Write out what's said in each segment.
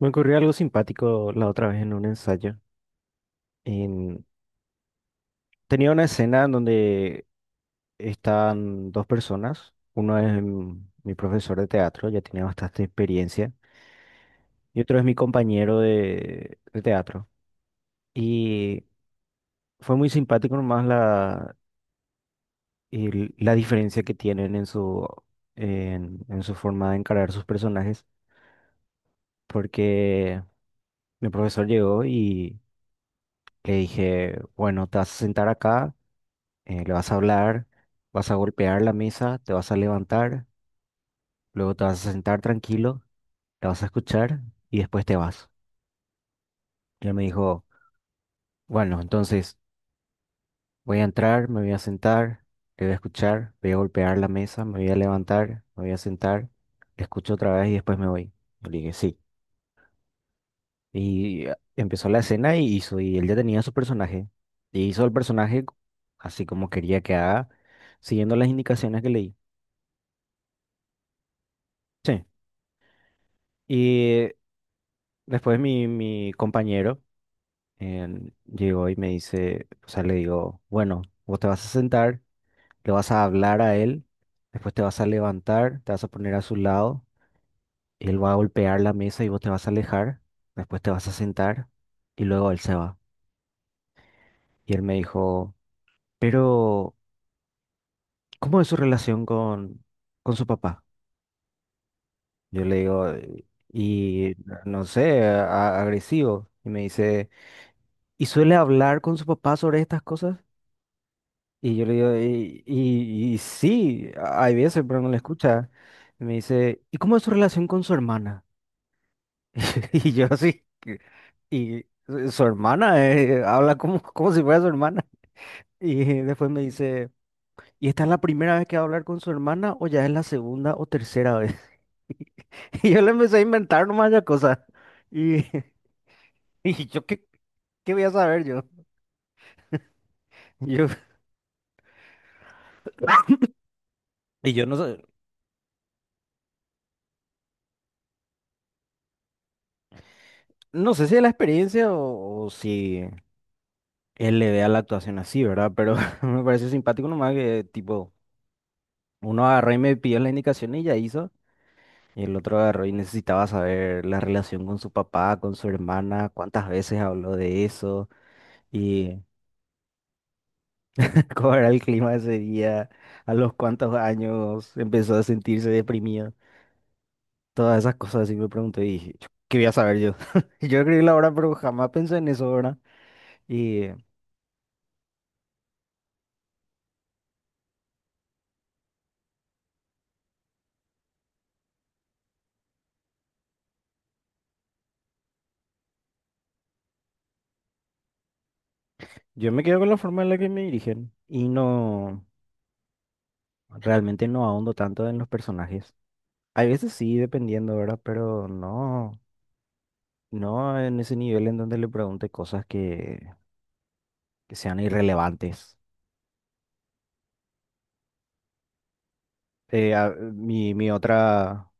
Me ocurrió algo simpático la otra vez en un ensayo. En- Tenía una escena en donde están dos personas. Uno es mi profesor de teatro, ya tiene bastante experiencia, y otro es mi compañero de teatro. Y fue muy simpático nomás la diferencia que tienen en su, en su forma de encarar sus personajes, porque mi profesor llegó y le dije, bueno, te vas a sentar acá. Le vas a hablar, vas a golpear la mesa, te vas a levantar, luego te vas a sentar tranquilo, la vas a escuchar y después te vas. Y él me dijo, bueno, entonces voy a entrar, me voy a sentar, te voy a escuchar, voy a golpear la mesa, me voy a levantar, me voy a sentar, escucho otra vez y después me voy. Yo le dije, sí. Y empezó la escena y él ya tenía su personaje. Y hizo el personaje así como quería que haga, siguiendo las indicaciones que leí. Sí. Y después mi compañero llegó y me dice, o sea, le digo, bueno, vos te vas a sentar, le vas a hablar a él, después te vas a levantar, te vas a poner a su lado, él va a golpear la mesa y vos te vas a alejar, después te vas a sentar y luego él se va. Y él me dijo, pero, ¿cómo es su relación con su papá? Yo le digo, y no sé, agresivo. Y me dice, ¿y suele hablar con su papá sobre estas cosas? Y yo le digo, y sí, hay veces, pero no le escucha. Y me dice, ¿y cómo es su relación con su hermana? Y yo así, y su hermana habla como si fuera su hermana. Y después me dice, ¿y esta es la primera vez que va a hablar con su hermana o ya es la segunda o tercera vez? Y yo le empecé a inventar nomás ya cosas. Y, y yo, ¿qué voy a saber yo? Yo, y yo no sé, no sé si es la experiencia o si él le vea la actuación así, ¿verdad? Pero me pareció simpático nomás que, tipo, uno agarró y me pidió la indicación y ya hizo. Y el otro agarró y necesitaba saber la relación con su papá, con su hermana, cuántas veces habló de eso y cómo era el clima ese día, a los cuántos años empezó a sentirse deprimido. Todas esas cosas así me pregunté y dije, "Chu, ¿qué voy a saber yo? Yo escribí la obra, pero jamás pensé en eso, ¿verdad?" Y yo me quedo con la forma en la que me dirigen y no. Realmente no ahondo tanto en los personajes. Hay veces sí, dependiendo, ¿verdad? Pero no, no en ese nivel en donde le pregunte cosas que sean irrelevantes. Mi,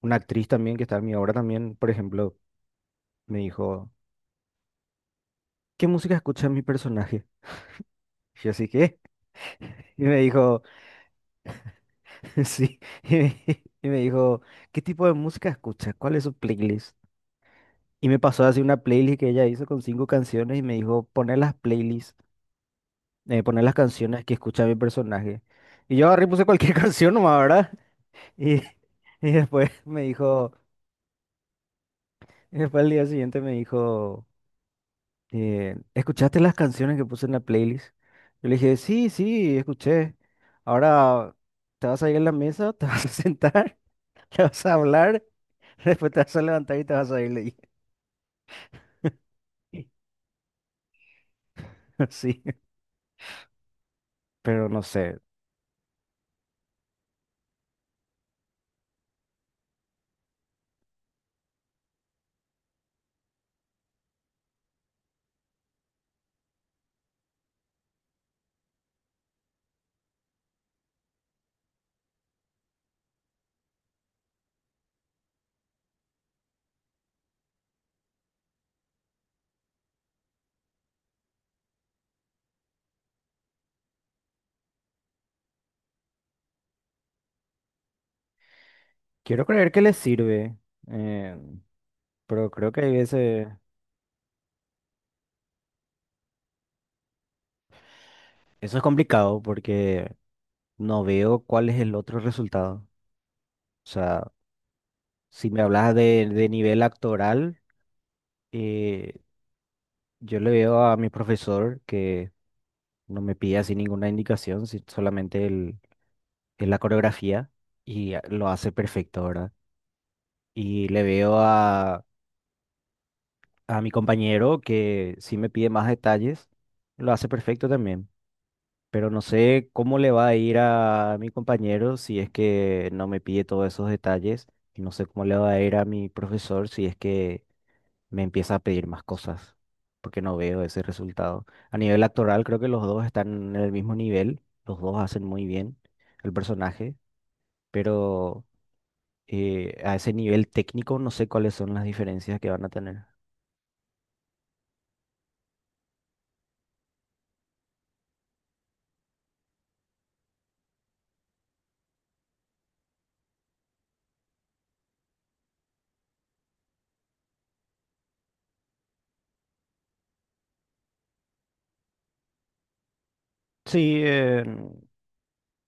una actriz también que está en mi obra también, por ejemplo, me dijo, ¿qué música escucha mi personaje? Y yo así, ¿qué? Y me dijo, sí. Y me, y me dijo, ¿qué tipo de música escucha? ¿Cuál es su playlist? Y me pasó así una playlist que ella hizo con cinco canciones y me dijo, poner las playlists. Poner las canciones que escucha mi personaje. Y yo agarré y puse cualquier canción nomás, ¿verdad? Y, y después me dijo, y después el día siguiente me dijo, ¿escuchaste las canciones que puse en la playlist? Yo le dije, sí, sí, escuché. Ahora te vas a ir a la mesa, te vas a sentar, te vas a hablar, después te vas a levantar y te vas a ir, le dije. Sí, pero no sé. Quiero creer que les sirve, eh, pero creo que hay veces... Eso es complicado porque no veo cuál es el otro resultado. O sea, si me hablas de nivel actoral, eh, yo le veo a mi profesor que no me pide así ninguna indicación, solamente el la coreografía y lo hace perfecto, ¿verdad? Y le veo a mi compañero que sí me pide más detalles, lo hace perfecto también. Pero no sé cómo le va a ir a mi compañero si es que no me pide todos esos detalles. Y no sé cómo le va a ir a mi profesor si es que me empieza a pedir más cosas, porque no veo ese resultado. A nivel actoral, creo que los dos están en el mismo nivel. Los dos hacen muy bien el personaje, pero a ese nivel técnico no sé cuáles son las diferencias que van a tener. Sí,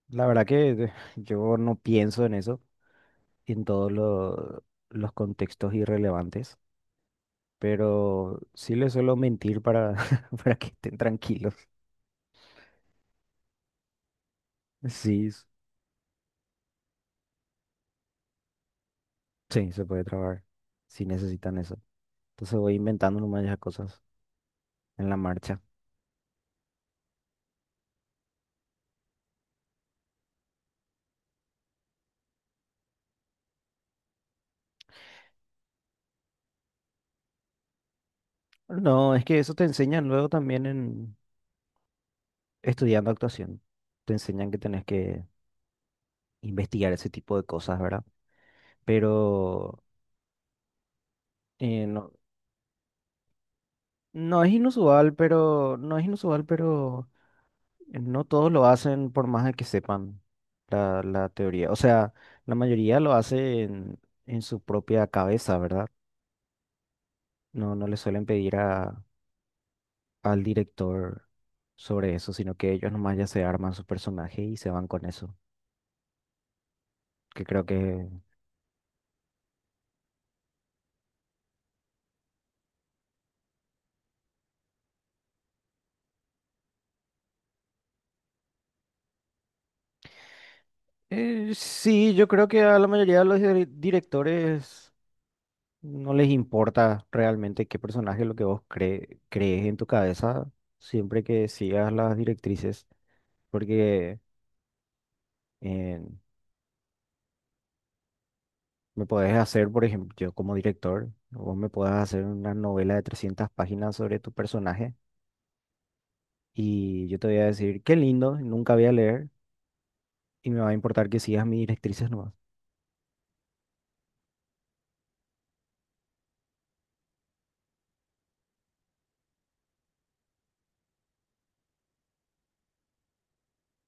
la verdad que yo no pienso en eso. En los contextos irrelevantes, pero sí les suelo mentir para, para que estén tranquilos. Sí, s- sí, se puede trabajar si necesitan eso. Entonces voy inventando nomás ya cosas en la marcha. No, es que eso te enseñan luego también en estudiando actuación. Te enseñan que tenés que investigar ese tipo de cosas, ¿verdad? Pero no, no es inusual, pero no es inusual, pero no todos lo hacen por más de que sepan la teoría. O sea, la mayoría lo hace en su propia cabeza, ¿verdad? No, no le suelen pedir al director sobre eso, sino que ellos nomás ya se arman su personaje y se van con eso. Que creo que... sí, yo creo que a la mayoría de los directores no les importa realmente qué personaje es lo que vos crees en tu cabeza, siempre que sigas las directrices, porque... eh, me podés hacer, por ejemplo, yo como director, vos me podés hacer una novela de 300 páginas sobre tu personaje y yo te voy a decir, qué lindo, nunca voy a leer y me va a importar que sigas mis directrices nomás.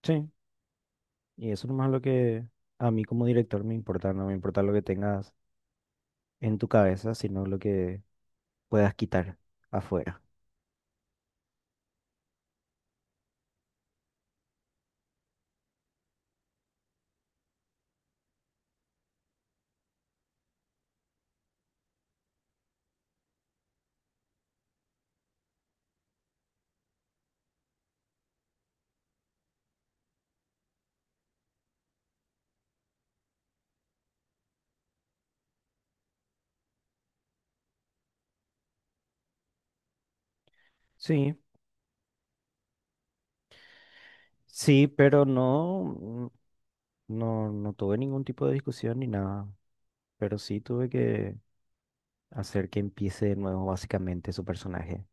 Sí, y eso nomás es lo que a mí como director me importa, no me importa lo que tengas en tu cabeza, sino lo que puedas quitar afuera. Sí, sí, pero no, no no tuve ningún tipo de discusión ni nada, pero sí tuve que hacer que empiece de nuevo básicamente su personaje.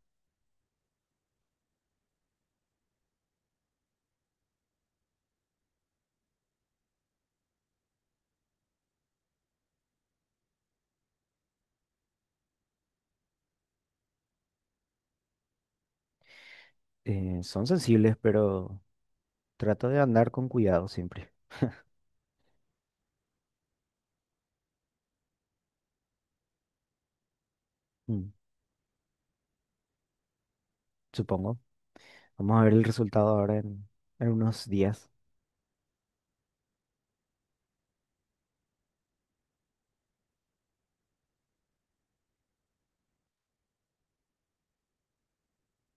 Son sensibles, pero trato de andar con cuidado siempre. Mm, supongo. Vamos a ver el resultado ahora en unos días.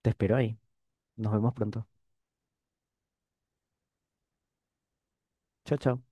Te espero ahí. Nos vemos pronto. Chao, chao.